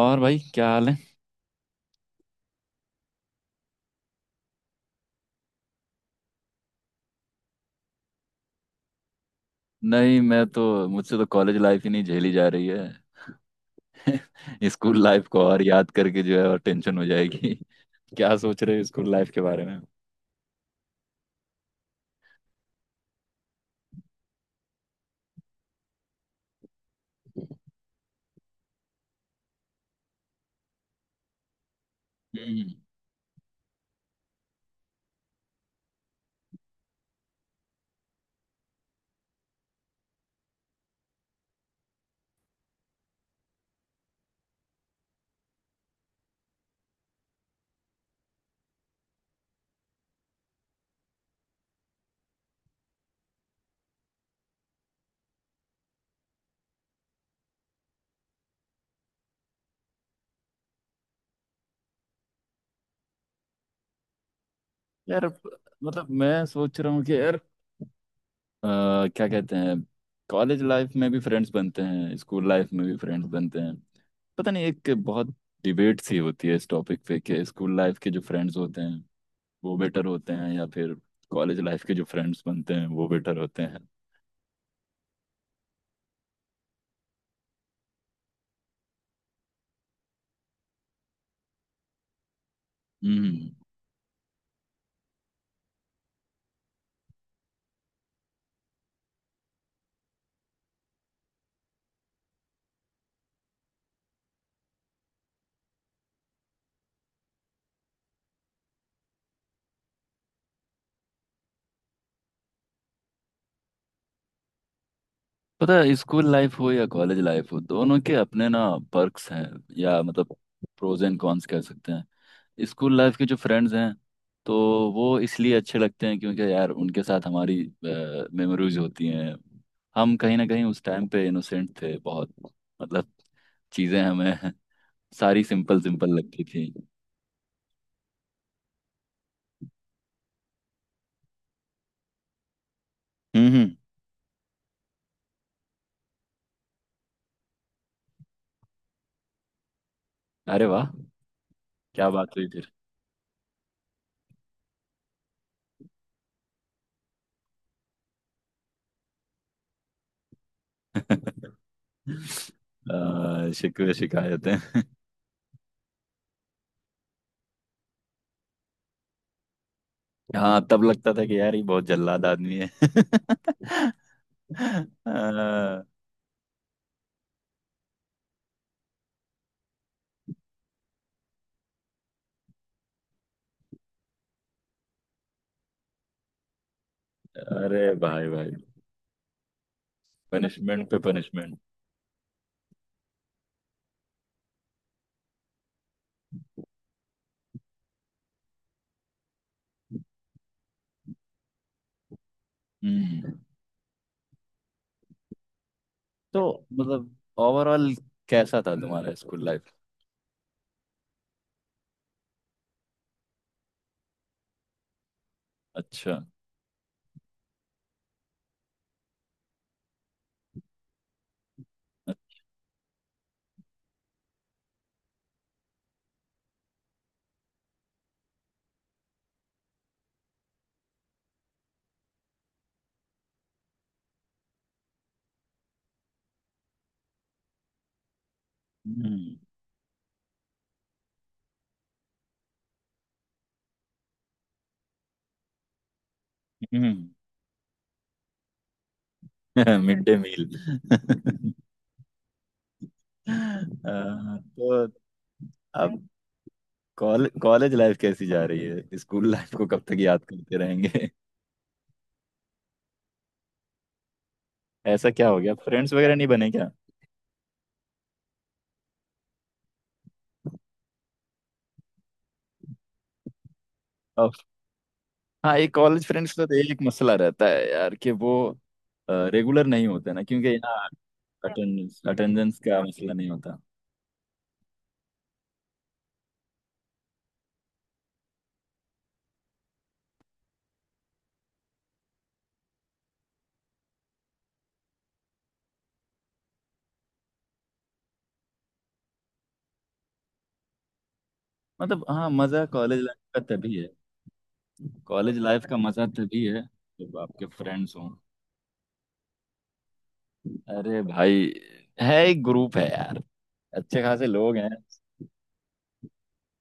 और भाई क्या हाल है। नहीं मैं तो मुझसे तो कॉलेज लाइफ ही नहीं झेली जा रही है स्कूल लाइफ को और याद करके जो है और टेंशन हो जाएगी क्या सोच रहे हो स्कूल लाइफ के बारे में? हम्म यार मतलब मैं सोच रहा हूँ कि यार अ, क्या कहते हैं। कॉलेज लाइफ में भी फ्रेंड्स बनते हैं, स्कूल लाइफ में भी फ्रेंड्स बनते हैं। पता नहीं, एक बहुत डिबेट सी होती है इस टॉपिक पे कि स्कूल लाइफ के जो फ्रेंड्स होते हैं वो बेटर होते हैं या फिर कॉलेज लाइफ के जो फ्रेंड्स बनते हैं वो बेटर होते हैं। हम्म पता है स्कूल लाइफ हो या कॉलेज लाइफ हो, दोनों के अपने ना पर्क्स हैं। या मतलब प्रोज एंड कॉन्स कह सकते हैं। स्कूल लाइफ के जो फ्रेंड्स हैं, तो वो इसलिए अच्छे लगते हैं क्योंकि यार उनके साथ हमारी मेमोरीज होती हैं। हम कहीं ना कहीं उस टाइम पे इनोसेंट थे बहुत, मतलब चीज़ें हमें सारी सिंपल सिंपल लगती थी। हम्म हम्म। अरे वाह। क्या बात हुई फिर? शिकवे शिकायतें। हाँ, तब लगता था कि यार ये बहुत जल्लाद आदमी है अ, अरे भाई भाई। पनिशमेंट पे पनिशमेंट। हम्म तो मतलब ओवरऑल कैसा था तुम्हारा स्कूल लाइफ? अच्छा। हम्म मिड डे मील तो अब कॉलेज कॉलेज लाइफ कैसी जा रही है? स्कूल लाइफ को कब तक याद करते रहेंगे? ऐसा क्या हो गया? फ्रेंड्स वगैरह नहीं बने? क्या। हाँ, ये कॉलेज फ्रेंड्स का तो एक मसला रहता है यार कि वो रेगुलर नहीं होते ना, क्योंकि यहाँ अटेंडेंस अटेंडेंस का मसला नहीं होता। मतलब हाँ, मज़ा कॉलेज लाइफ का तभी है। कॉलेज लाइफ का मज़ा तभी है जब आपके फ्रेंड्स हों। अरे भाई, है, एक ग्रुप है यार, अच्छे खासे लोग हैं।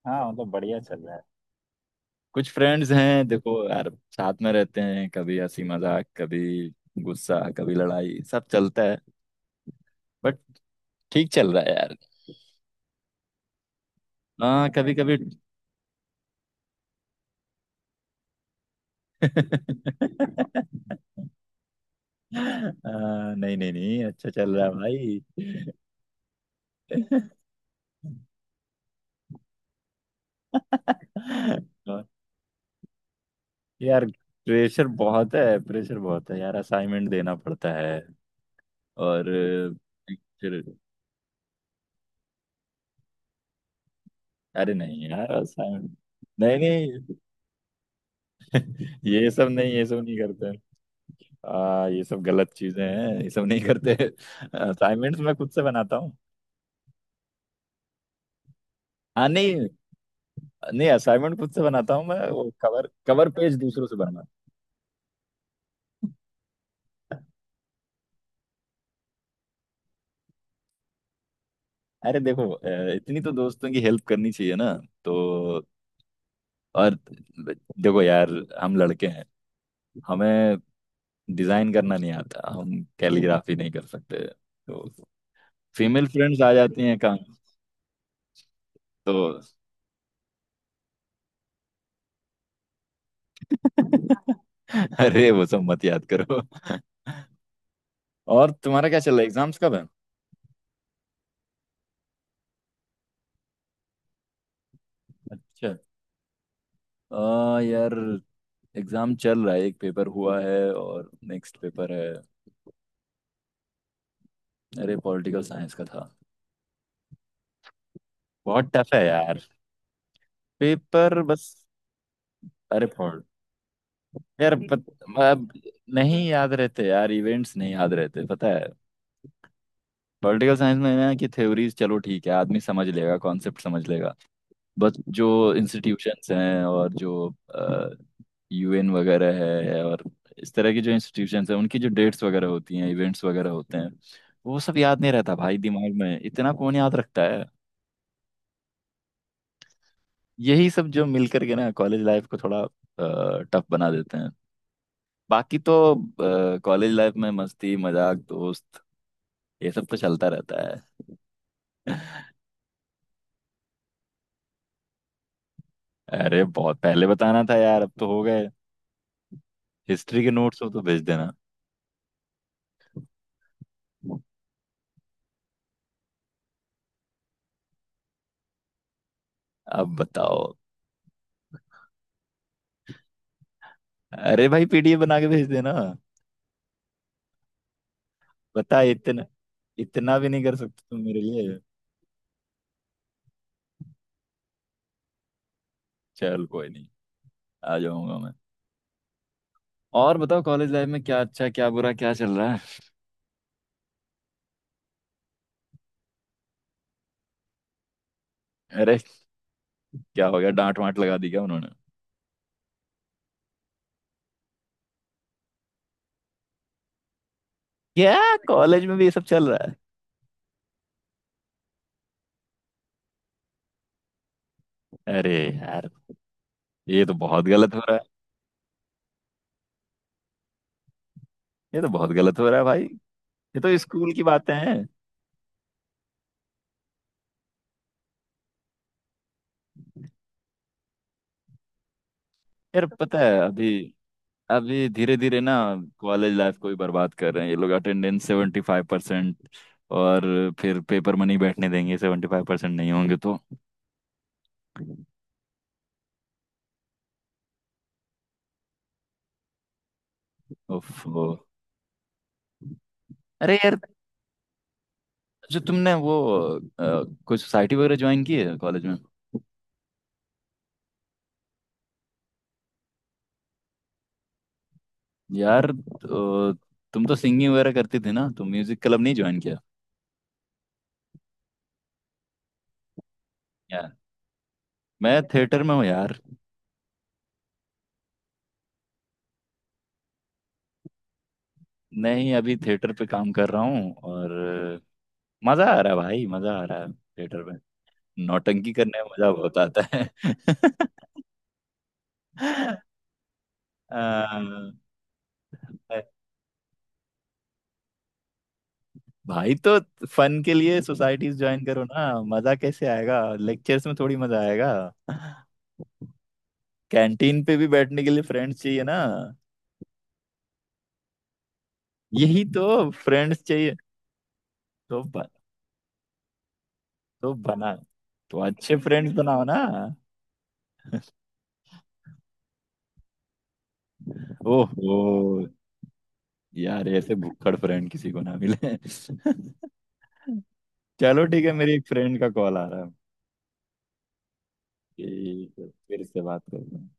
हाँ, मतलब बढ़िया चल रहा है। कुछ फ्रेंड्स हैं, देखो यार, साथ में रहते हैं, कभी हंसी मजाक, कभी गुस्सा, कभी लड़ाई, सब चलता है। बट ठीक चल रहा है यार। हाँ, कभी कभी आ, नहीं नहीं नहीं, अच्छा चल रहा है भाई। और यार, प्रेशर बहुत है, प्रेशर बहुत है यार, असाइनमेंट देना पड़ता है। और फिर अरे नहीं यार, असाइनमेंट नहीं नहीं, ये सब नहीं करते। ये सब गलत चीजें हैं, ये सब नहीं करते। असाइनमेंट्स मैं खुद से बनाता हूँ। हाँ नहीं, नहीं असाइनमेंट खुद से बनाता हूँ मैं, वो कवर कवर पेज दूसरों से। अरे देखो इतनी तो दोस्तों की हेल्प करनी चाहिए ना। तो और देखो यार, हम लड़के हैं, हमें डिजाइन करना नहीं आता, हम कैलीग्राफी नहीं कर सकते, तो फीमेल फ्रेंड्स आ जाती हैं काम। तो अरे, वो सब मत याद करो। और तुम्हारा क्या चल रहा है? एग्जाम्स कब है? अच्छा यार एग्जाम चल रहा है, एक पेपर हुआ है और नेक्स्ट पेपर है। अरे पॉलिटिकल साइंस का था। बहुत टफ है यार। पेपर बस। अरे पढ़ यार, अब नहीं याद रहते यार, इवेंट्स नहीं याद रहते पता है। पॉलिटिकल साइंस में ना कि थ्योरीज चलो ठीक है, आदमी समझ लेगा, कॉन्सेप्ट समझ लेगा। बस जो इंस्टीट्यूशंस हैं और जो यूएन वगैरह है और इस तरह की जो इंस्टीट्यूशंस हैं, उनकी जो डेट्स वगैरह होती हैं, इवेंट्स वगैरह होते हैं, वो सब याद नहीं रहता भाई, दिमाग में इतना कौन याद रखता है। यही सब जो मिल करके ना कॉलेज लाइफ को थोड़ा टफ बना देते हैं। बाकी तो कॉलेज लाइफ में मस्ती मजाक दोस्त, ये सब तो चलता रहता है। अरे बहुत पहले बताना था यार, अब तो हो गए। हिस्ट्री के नोट्स हो तो भेज देना। अब बताओ। अरे भाई, पीडीएफ बना के भेज देना। बता, इतना, इतना भी नहीं कर सकते तुम मेरे लिए? चल कोई नहीं, आ जाऊंगा मैं। और बताओ, कॉलेज लाइफ में क्या अच्छा क्या बुरा क्या चल रहा है। अरे क्या हो गया? डांट वांट लगा दी क्या उन्होंने? क्या, कॉलेज में भी ये सब चल रहा है? अरे यार, ये तो बहुत गलत हो रहा है। ये तो बहुत गलत हो रहा है भाई। ये तो स्कूल की बातें हैं। यार पता है, अभी अभी धीरे धीरे ना कॉलेज लाइफ को ही बर्बाद कर रहे हैं ये लोग। अटेंडेंस 75%, और फिर पेपर मनी बैठने देंगे, 75% नहीं होंगे तो। उफ, वो। अरे यार, जो तुमने वो कोई सोसाइटी वगैरह ज्वाइन की है कॉलेज में? यार तुम तो सिंगिंग वगैरह करती थी ना, तुम म्यूजिक क्लब नहीं ज्वाइन किया? यार मैं थिएटर में हूँ यार। नहीं अभी थिएटर पे काम कर रहा हूँ और अ, मजा आ रहा है भाई, मजा आ रहा है थिएटर। नौटंकी करने में मजा बहुत आता है। अ, भाई, तो फन के लिए सोसाइटीज ज्वाइन करो ना। मजा कैसे आएगा? लेक्चर्स में थोड़ी मजा आएगा? कैंटीन पे भी बैठने के लिए फ्रेंड्स चाहिए ना। यही तो फ्रेंड्स चाहिए, तो तो बना तो अच्छे फ्रेंड्स बनाओ ना। ओहो। यार ऐसे भुक्खड़ फ्रेंड किसी को ना मिले चलो ठीक है, मेरी एक फ्रेंड का कॉल आ रहा है। ठीक है, फिर से बात करते हैं।